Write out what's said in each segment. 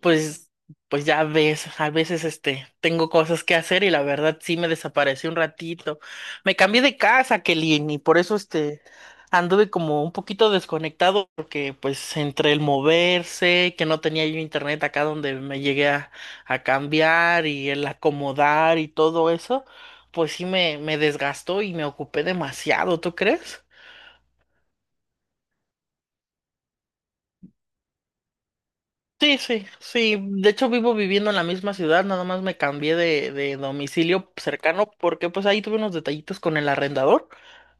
Pues, pues, ya ves, a veces tengo cosas que hacer y la verdad sí me desaparecí un ratito. Me cambié de casa, Kelly, y por eso anduve como un poquito desconectado porque pues entre el moverse, que no tenía yo internet acá donde me llegué a cambiar y el acomodar y todo eso, pues sí me desgastó y me ocupé demasiado, ¿tú crees? Sí, sí, sí. De hecho, vivo viviendo en la misma ciudad, nada más me cambié de domicilio cercano porque pues ahí tuve unos detallitos con el arrendador,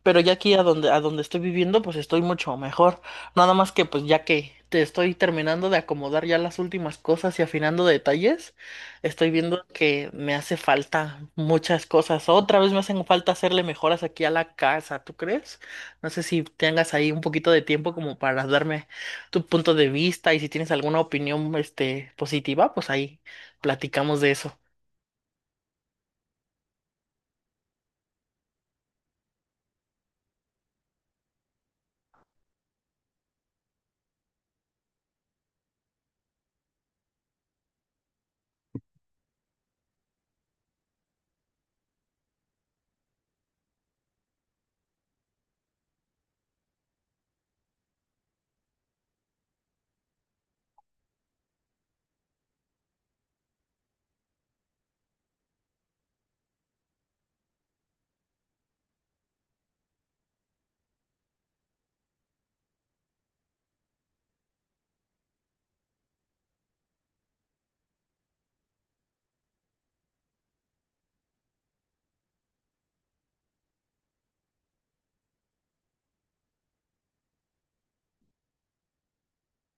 pero ya aquí a donde estoy viviendo pues estoy mucho mejor. Nada más que pues ya que te estoy terminando de acomodar ya las últimas cosas y afinando detalles, estoy viendo que me hace falta muchas cosas. Otra vez me hacen falta hacerle mejoras aquí a la casa, ¿tú crees? No sé si tengas ahí un poquito de tiempo como para darme tu punto de vista y si tienes alguna opinión, positiva, pues ahí platicamos de eso.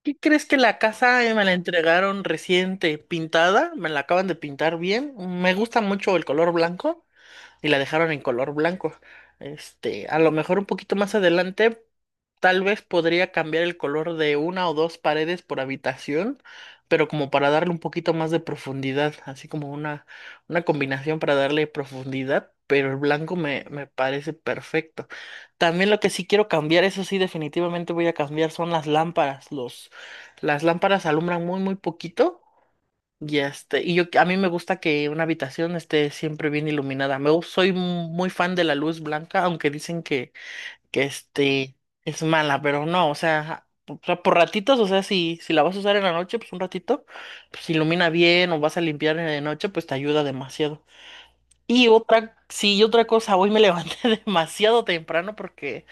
¿Qué crees? Que la casa, me la entregaron reciente pintada. Me la acaban de pintar bien. Me gusta mucho el color blanco y la dejaron en color blanco. A lo mejor un poquito más adelante, tal vez podría cambiar el color de una o dos paredes por habitación, pero como para darle un poquito más de profundidad, así como una combinación para darle profundidad, pero el blanco me parece perfecto. También lo que sí quiero cambiar, eso sí, definitivamente voy a cambiar, son las lámparas. Las lámparas alumbran muy, muy poquito. Y y yo a mí me gusta que una habitación esté siempre bien iluminada. Soy muy fan de la luz blanca, aunque dicen que, que es mala, pero no, o sea, por ratitos, o sea, si la vas a usar en la noche, pues un ratito, pues ilumina bien, o vas a limpiar en la noche, pues te ayuda demasiado. Y otra, sí, y otra cosa, hoy me levanté demasiado temprano porque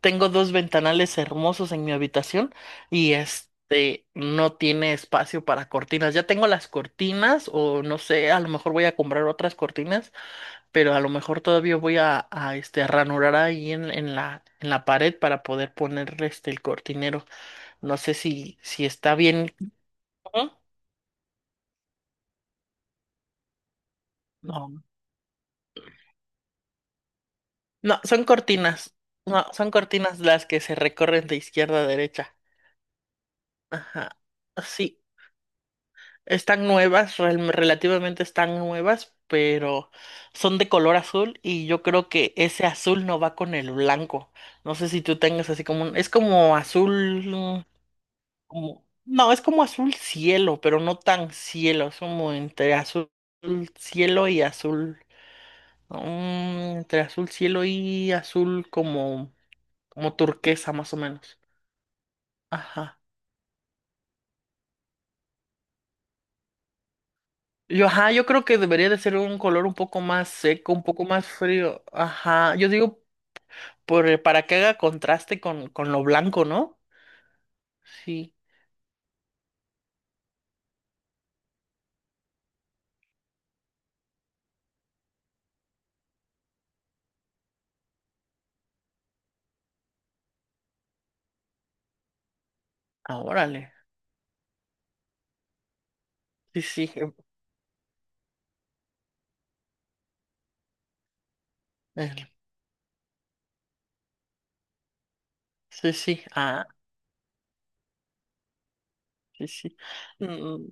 tengo dos ventanales hermosos en mi habitación y este no tiene espacio para cortinas. Ya tengo las cortinas o no sé, a lo mejor voy a comprar otras cortinas, pero a lo mejor todavía voy a ranurar ahí en la pared para poder poner el cortinero. No sé si está bien. ¿No? No, no, son cortinas. No, son cortinas las que se recorren de izquierda a derecha. Ajá, sí, están nuevas, relativamente están nuevas, pero son de color azul y yo creo que ese azul no va con el blanco. No sé si tú tengas así como un, es como azul, como, no, es como azul cielo, pero no tan cielo, es como entre azul cielo y azul, entre azul cielo y azul como, como turquesa más o menos. Ajá. Ajá, yo creo que debería de ser un color un poco más seco, un poco más frío. Ajá, yo digo para que haga contraste con lo blanco, ¿no? Sí, ah, órale. Sí, sí, eh, sí, sí, ah, sí, sí. Mm,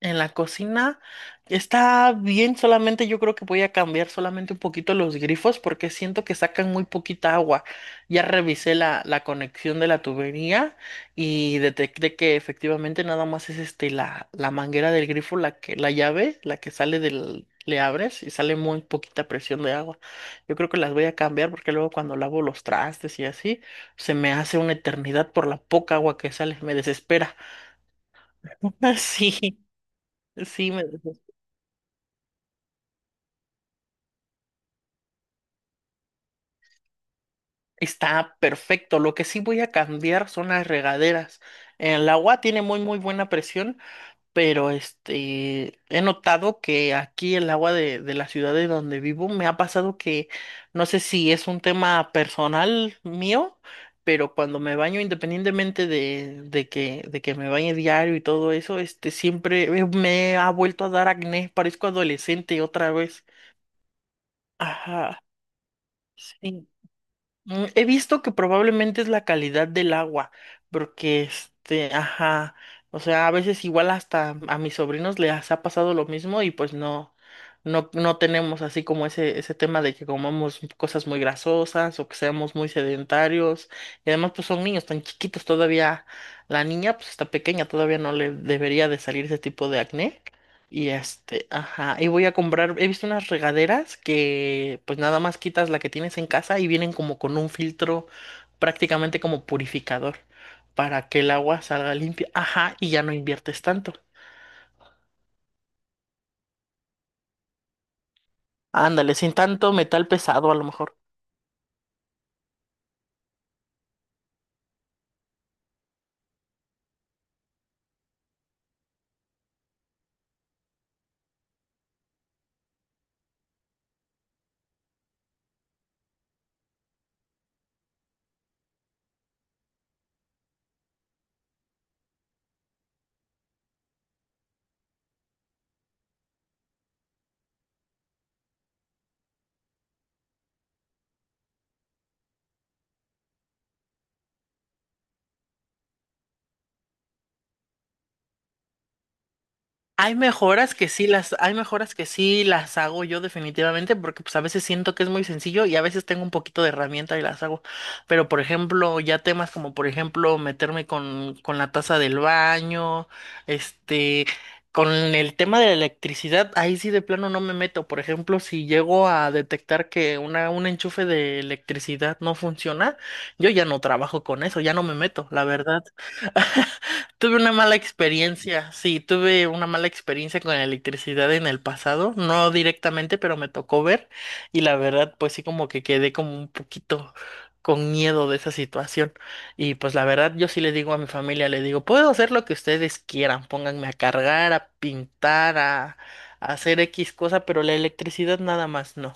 En la cocina está bien, solamente yo creo que voy a cambiar solamente un poquito los grifos porque siento que sacan muy poquita agua. Ya revisé la conexión de la tubería y detecté que efectivamente nada más es la manguera del grifo, la que, la llave, la que sale del, le abres y sale muy poquita presión de agua. Yo creo que las voy a cambiar porque luego cuando lavo los trastes y así, se me hace una eternidad por la poca agua que sale, me desespera. Sí, sí, me desespera. Está perfecto. Lo que sí voy a cambiar son las regaderas. El agua tiene muy muy buena presión, pero he notado que aquí el agua de la ciudad de donde vivo me ha pasado que no sé si es un tema personal mío, pero cuando me baño, independientemente de que me bañe diario y todo eso, siempre me ha vuelto a dar acné, parezco adolescente otra vez. Ajá, sí. He visto que probablemente es la calidad del agua, porque ajá, o sea, a veces igual hasta a mis sobrinos les ha pasado lo mismo y pues no, no, no tenemos así como ese tema de que comamos cosas muy grasosas o que seamos muy sedentarios. Y además pues son niños tan chiquitos todavía, la niña pues está pequeña, todavía no le debería de salir ese tipo de acné. Y ajá, y voy a comprar, he visto unas regaderas que pues nada más quitas la que tienes en casa y vienen como con un filtro prácticamente como purificador para que el agua salga limpia, ajá, y ya no inviertes tanto. Ándale, sin tanto metal pesado a lo mejor. Hay mejoras hay mejoras que sí las hago yo definitivamente, porque pues a veces siento que es muy sencillo y a veces tengo un poquito de herramienta y las hago. Pero por ejemplo, ya temas como por ejemplo meterme con la taza del baño, este, con el tema de la electricidad, ahí sí de plano no me meto. Por ejemplo, si llego a detectar que un enchufe de electricidad no funciona, yo ya no trabajo con eso, ya no me meto, la verdad. Tuve una mala experiencia, sí, tuve una mala experiencia con la electricidad en el pasado, no directamente, pero me tocó ver y la verdad, pues sí, como que quedé como un poquito con miedo de esa situación y pues la verdad, yo sí le digo a mi familia, le digo, puedo hacer lo que ustedes quieran, pónganme a cargar, a pintar, a hacer X cosa, pero la electricidad nada más no.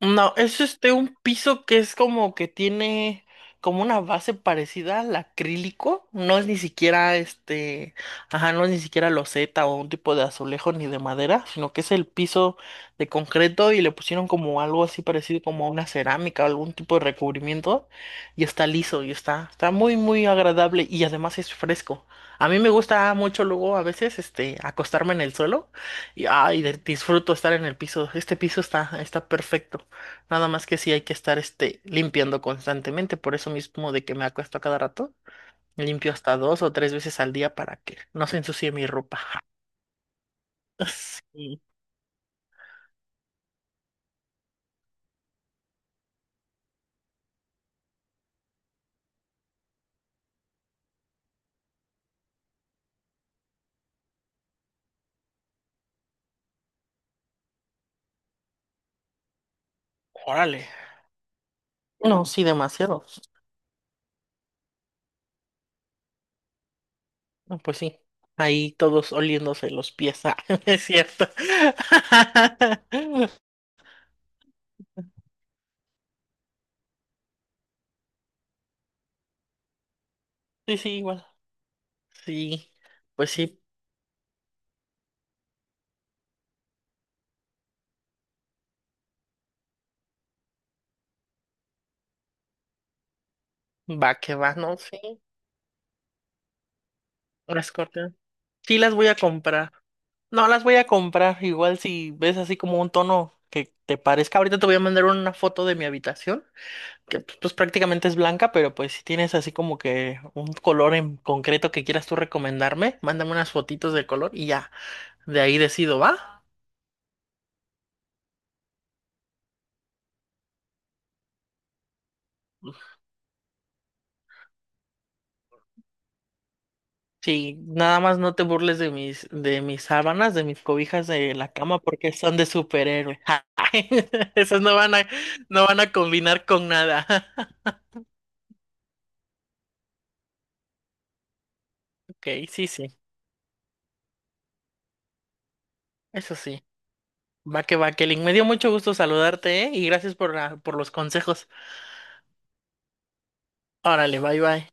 No, es un piso que es como que tiene como una base parecida al acrílico. No es ni siquiera ajá, no es ni siquiera loseta o un tipo de azulejo ni de madera, sino que es el piso de concreto y le pusieron como algo así parecido como a una cerámica o algún tipo de recubrimiento y está liso y está muy muy agradable y además es fresco. A mí me gusta mucho luego a veces acostarme en el suelo y ay, disfruto estar en el piso. Este piso está perfecto. Nada más que sí hay que estar limpiando constantemente, por eso mismo de que me acuesto a cada rato, limpio hasta dos o tres veces al día para que no se ensucie mi ropa. Sí, órale. No, sí, demasiado. No, pues sí, ahí todos oliéndose los pies. Ah, es cierto. Sí, sí, igual. Sí, pues sí, va que va, ¿no? Sí, las corté. Sí, las voy a comprar. No las voy a comprar. Igual si ves así como un tono que te parezca. Ahorita te voy a mandar una foto de mi habitación, que pues, pues, prácticamente es blanca, pero pues si tienes así como que un color en concreto que quieras tú recomendarme, mándame unas fotitos de color y ya, de ahí decido, ¿va? Sí, nada más no te burles de mis sábanas, de mis cobijas de la cama, porque son de superhéroe. Esas no van a, no van a combinar con nada. Ok, sí, sí, eso sí. Va que va, Kelly. Me dio mucho gusto saludarte, ¿eh? Y gracias por los consejos. Órale, bye bye.